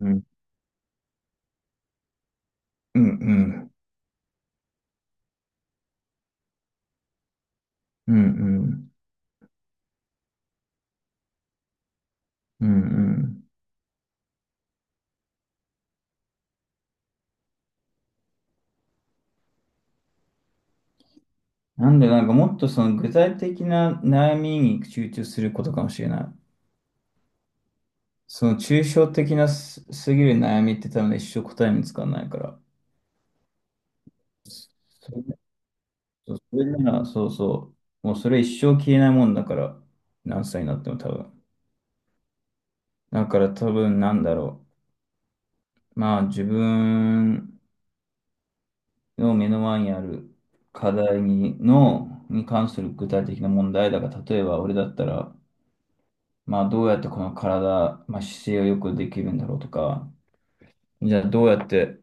うん、うん、うん、うん、うん、うん。なんで、なんかもっとその具体的な悩みに集中することかもしれない。その抽象的なすぎる悩みって多分ね一生答え見つかんないから。それ、それなら、そうそう。もうそれ一生消えないもんだから、何歳になっても多分。だから多分なんだろう。まあ自分の目の前にある課題に関する具体的な問題だから、例えば俺だったら、まあ、どうやってこの体、まあ、姿勢をよくできるんだろうとか、じゃあどうやって、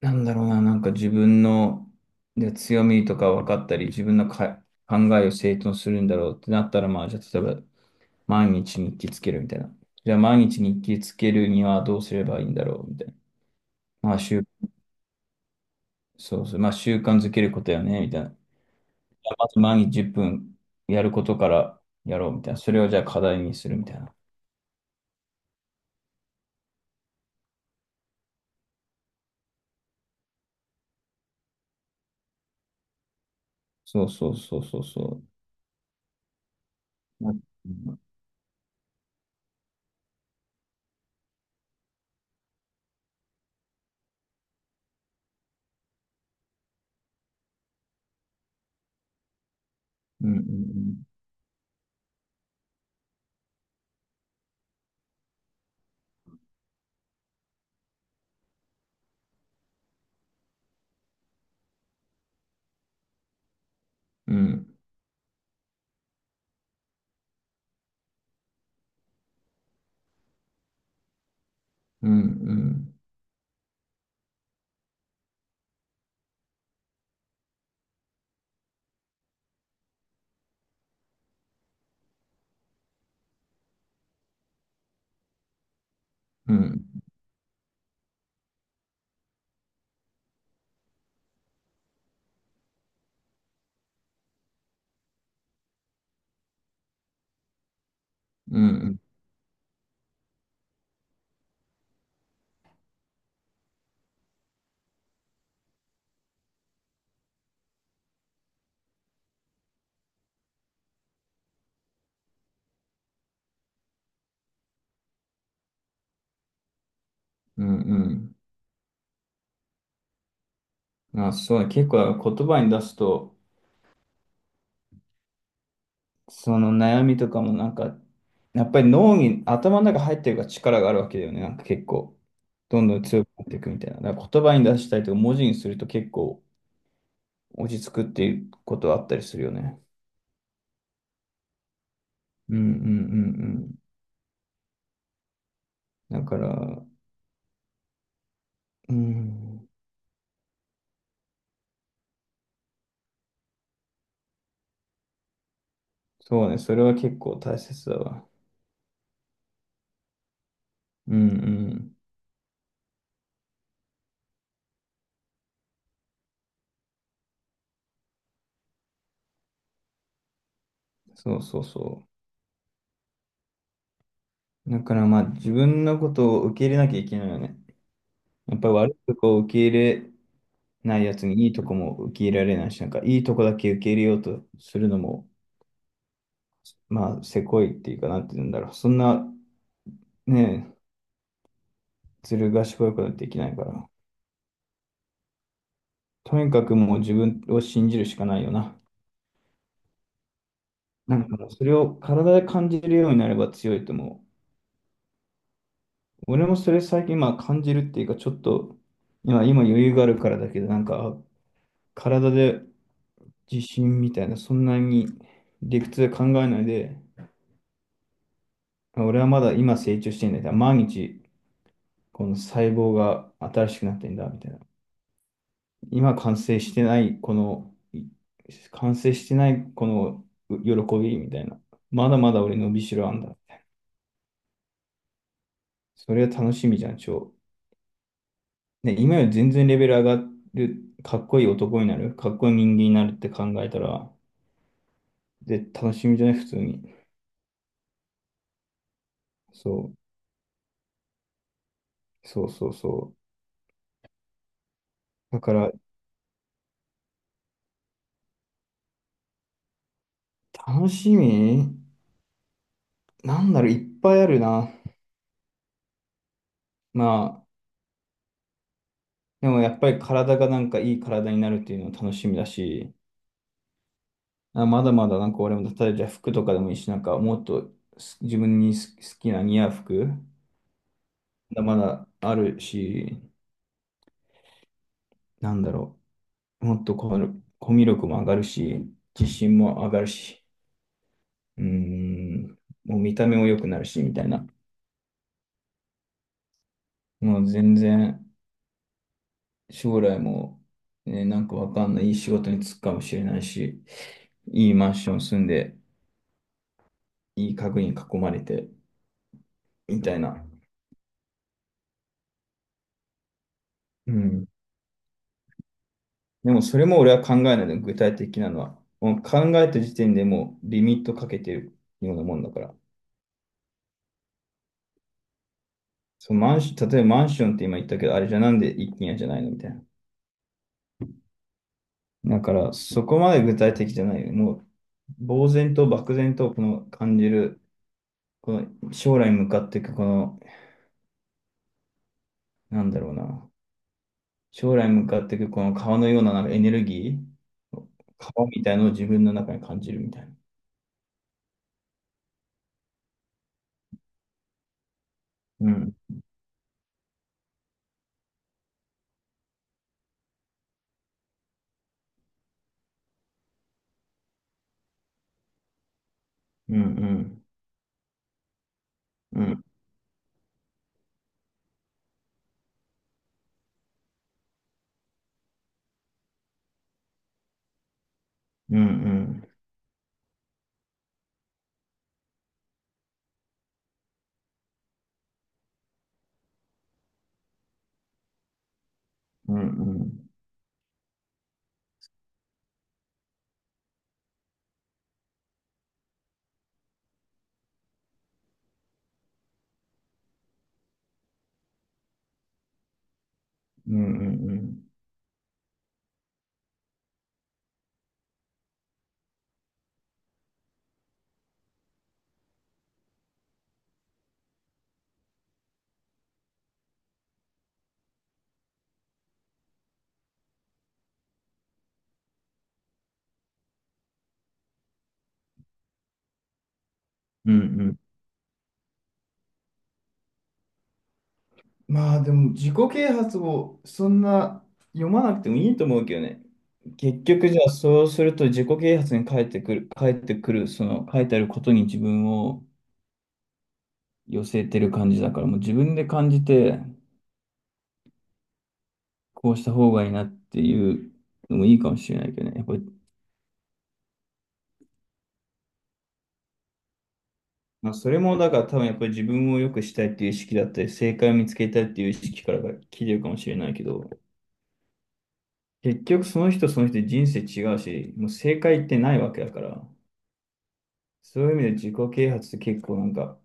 なんだろうな、なんか自分の強みとか分かったり、自分の考えを整頓するんだろうってなったら、まあ、じゃあ例えば毎日日記つけるみたいな。じゃあ毎日日記つけるにはどうすればいいんだろうみたいな。まあ、そうそう、まあ習慣づけることよね、みたいな。じゃあまず毎日10分やることからやろうみたいな。それをじゃあ課題にするみたいな。そうそうそうそうそう。うんうんうんうん、うん、うん、うん、うん、うん、うん。まあ、そうだ、結構言葉に出すと、その悩みとかもなんか、やっぱり頭の中入ってるから力があるわけだよね。なんか結構、どんどん強くなっていくみたいな。だから言葉に出したりとか、文字にすると結構落ち着くっていうことはあったりするよね。うん、うん、うん、うん。だから、うん、そうね、それは結構大切だわ。うん、うん。そうそうそう。だからまあ自分のことを受け入れなきゃいけないよね。やっぱり悪いとこを受け入れないやつにいいとこも受け入れられないし、なんかいいとこだけ受け入れようとするのも、まあせこいっていうかなんて言うんだろう。そんなね、ずる賢いことはできないから。とにかくもう自分を信じるしかないよな。なんかそれを体で感じるようになれば強いと思う。俺もそれ最近まあ感じるっていうかちょっと今余裕があるからだけど、なんか体で自信みたいな、そんなに理屈で考えないで、俺はまだ今成長してんだよ。毎日、この細胞が新しくなってんだ、みたいな。今完成してない、この、い完成してない、この喜び、みたいな。まだまだ俺伸びしろあんだ。それは楽しみじゃん、超。ね、今より全然レベル上がる、かっこいい男になる、かっこいい人間になるって考えたら、で、楽しみじゃない、普通に。そう、そうそうそう。だから、楽しみなんだろう、いっぱいあるな。まあ、でもやっぱり体がなんかいい体になるっていうのは楽しみだし、あ、まだまだなんか俺も、例えばじゃあ服とかでもいいし、なんかもっと自分に好きな似合う服、まだまだあるし、なんだろう、もっとこのコミュ力も上がるし、自信も上がるし、うーん、もう見た目も良くなるし、みたいな。もう全然将来も、ね、なんかわかんない、いい仕事に就くかもしれないし、いいマンション住んで、いい家具に囲まれて、みたいな。うん。でもそれも俺は考えないの、具体的なのは。もう考えた時点でもうリミットかけてるようなもんだから。そのマンション、例えばマンションって今言ったけど、あれじゃなんで一軒家じゃないのみたいな。だからそこまで具体的じゃないよ。もう呆然と漠然とこの感じる、この将来向かっていくこの、なんだろうな。将来向かっていくこの川のようななんかエネルギー、川みたいなのを自分の中に感じるみたいな。うん、うん、うん。うん、うん、うん、うん、うん、うん、うん、うん、うん。まあでも自己啓発をそんな読まなくてもいいと思うけどね。結局じゃあそうすると自己啓発に返ってくる、その書いてあることに自分を寄せてる感じだからもう自分で感じてこうした方がいいなっていうのもいいかもしれないけどね。やっぱり、まあ、それもだから多分やっぱり自分を良くしたいっていう意識だったり正解を見つけたいっていう意識からが来てるかもしれないけど。結局その人その人で人生違うし、もう正解ってないわけだから、そういう意味で自己啓発って結構なんか、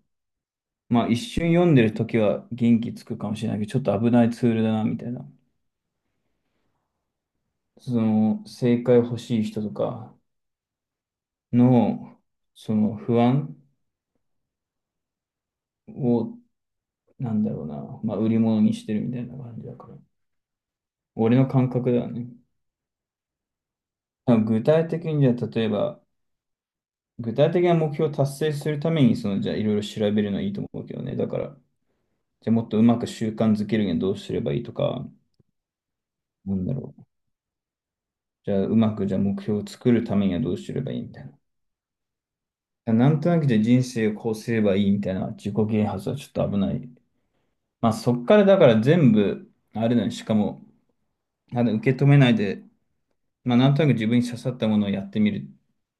まあ一瞬読んでる時は元気つくかもしれないけど、ちょっと危ないツールだなみたいな。その正解欲しい人とかの、その不安を、なんだろうな、まあ売り物にしてるみたいな感じだから。俺の感覚だね。多分具体的にじゃあ例えば、具体的な目標を達成するために、そのじゃあいろいろ調べるのはいいと思うけどね。だから、じゃあもっとうまく習慣づけるにはどうすればいいとか、なんだろう。じゃあうまくじゃあ目標を作るためにはどうすればいいみたいな。なんとなくじゃあ人生をこうすればいいみたいな自己啓発はちょっと危ない。まあそっからだから全部、あれだね、しかも、あの受け止めないで、まあなんとなく自分に刺さったものをやってみるっ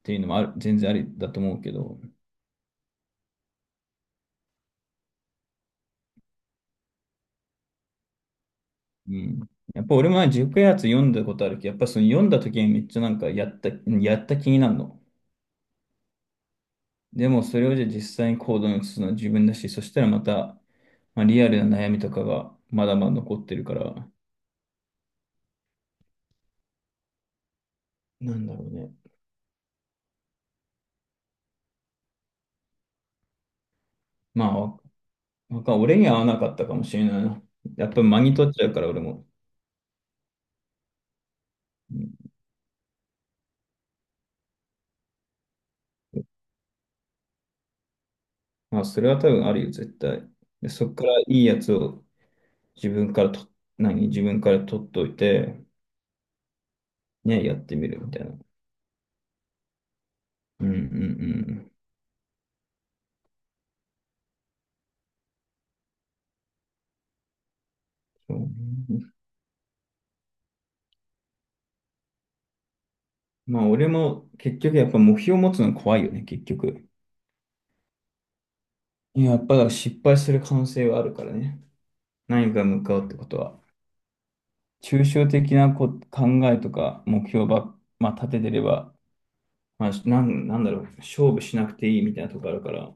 ていうのもある、全然ありだと思うけど、うん。やっぱ俺もね自己啓発読んだことあるけど、やっぱその読んだ時にめっちゃなんかやった気になるの。でもそれをじゃあ実際に行動に移すのは自分だし、そしたらまた、まあ、リアルな悩みとかがまだまだ残ってるから、なんだろうね。まあ、わわか俺には合わなかったかもしれないな。やっぱ間に取っちゃうから俺も。うん。まあ、それは多分あるよ、絶対。で、そこからいいやつを自分からと、自分から取っといて、ね、やってみるみたいな。うんうんうん。そうね。まあ、俺も結局やっぱ目標を持つの怖いよね、結局。いや、やっぱ失敗する可能性はあるからね。何か向かうってことは。抽象的な考えとか目標、まあ、立ててれば、まあ、なんだろう、勝負しなくていいみたいなとこあるから、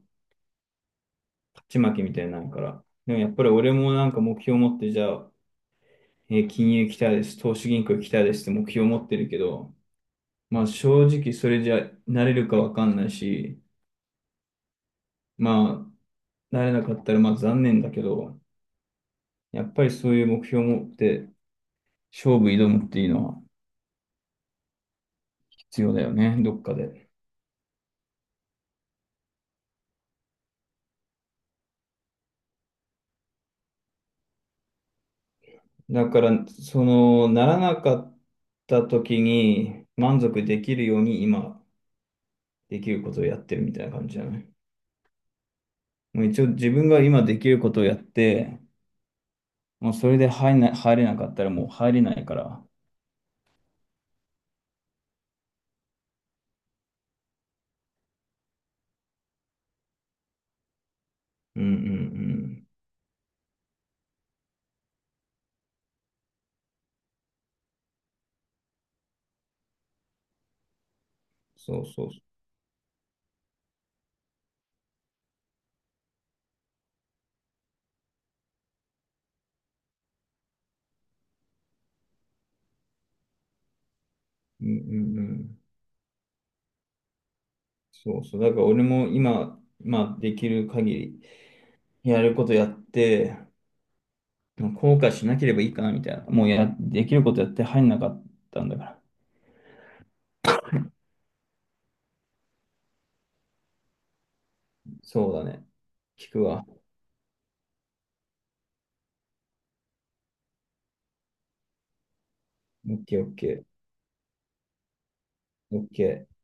勝ち負けみたいになるから。でもやっぱり俺もなんか目標を持って、じゃあ、金融行きたいです、投資銀行行きたいですって目標を持ってるけど、まあ正直それじゃなれるかわかんないし、まあ、なれなかったらまあ残念だけど、やっぱりそういう目標を持って勝負挑むっていうのは、必要だよね、どっかで。だから、その、ならなかった時に満足できるように今できることをやってるみたいな感じじゃない。もう一応自分が今できることをやって、もうそれで入れなかったらもう入れないから。うんうんうん。そうそうそう。うんうんうん。そうそう。だから俺も今、まあできる限りやることやって、もう後悔しなければいいかなみたいな。もうできることやって入んなかったんだから。そうだね。聞くわ。オッケーオッケー。オッケー。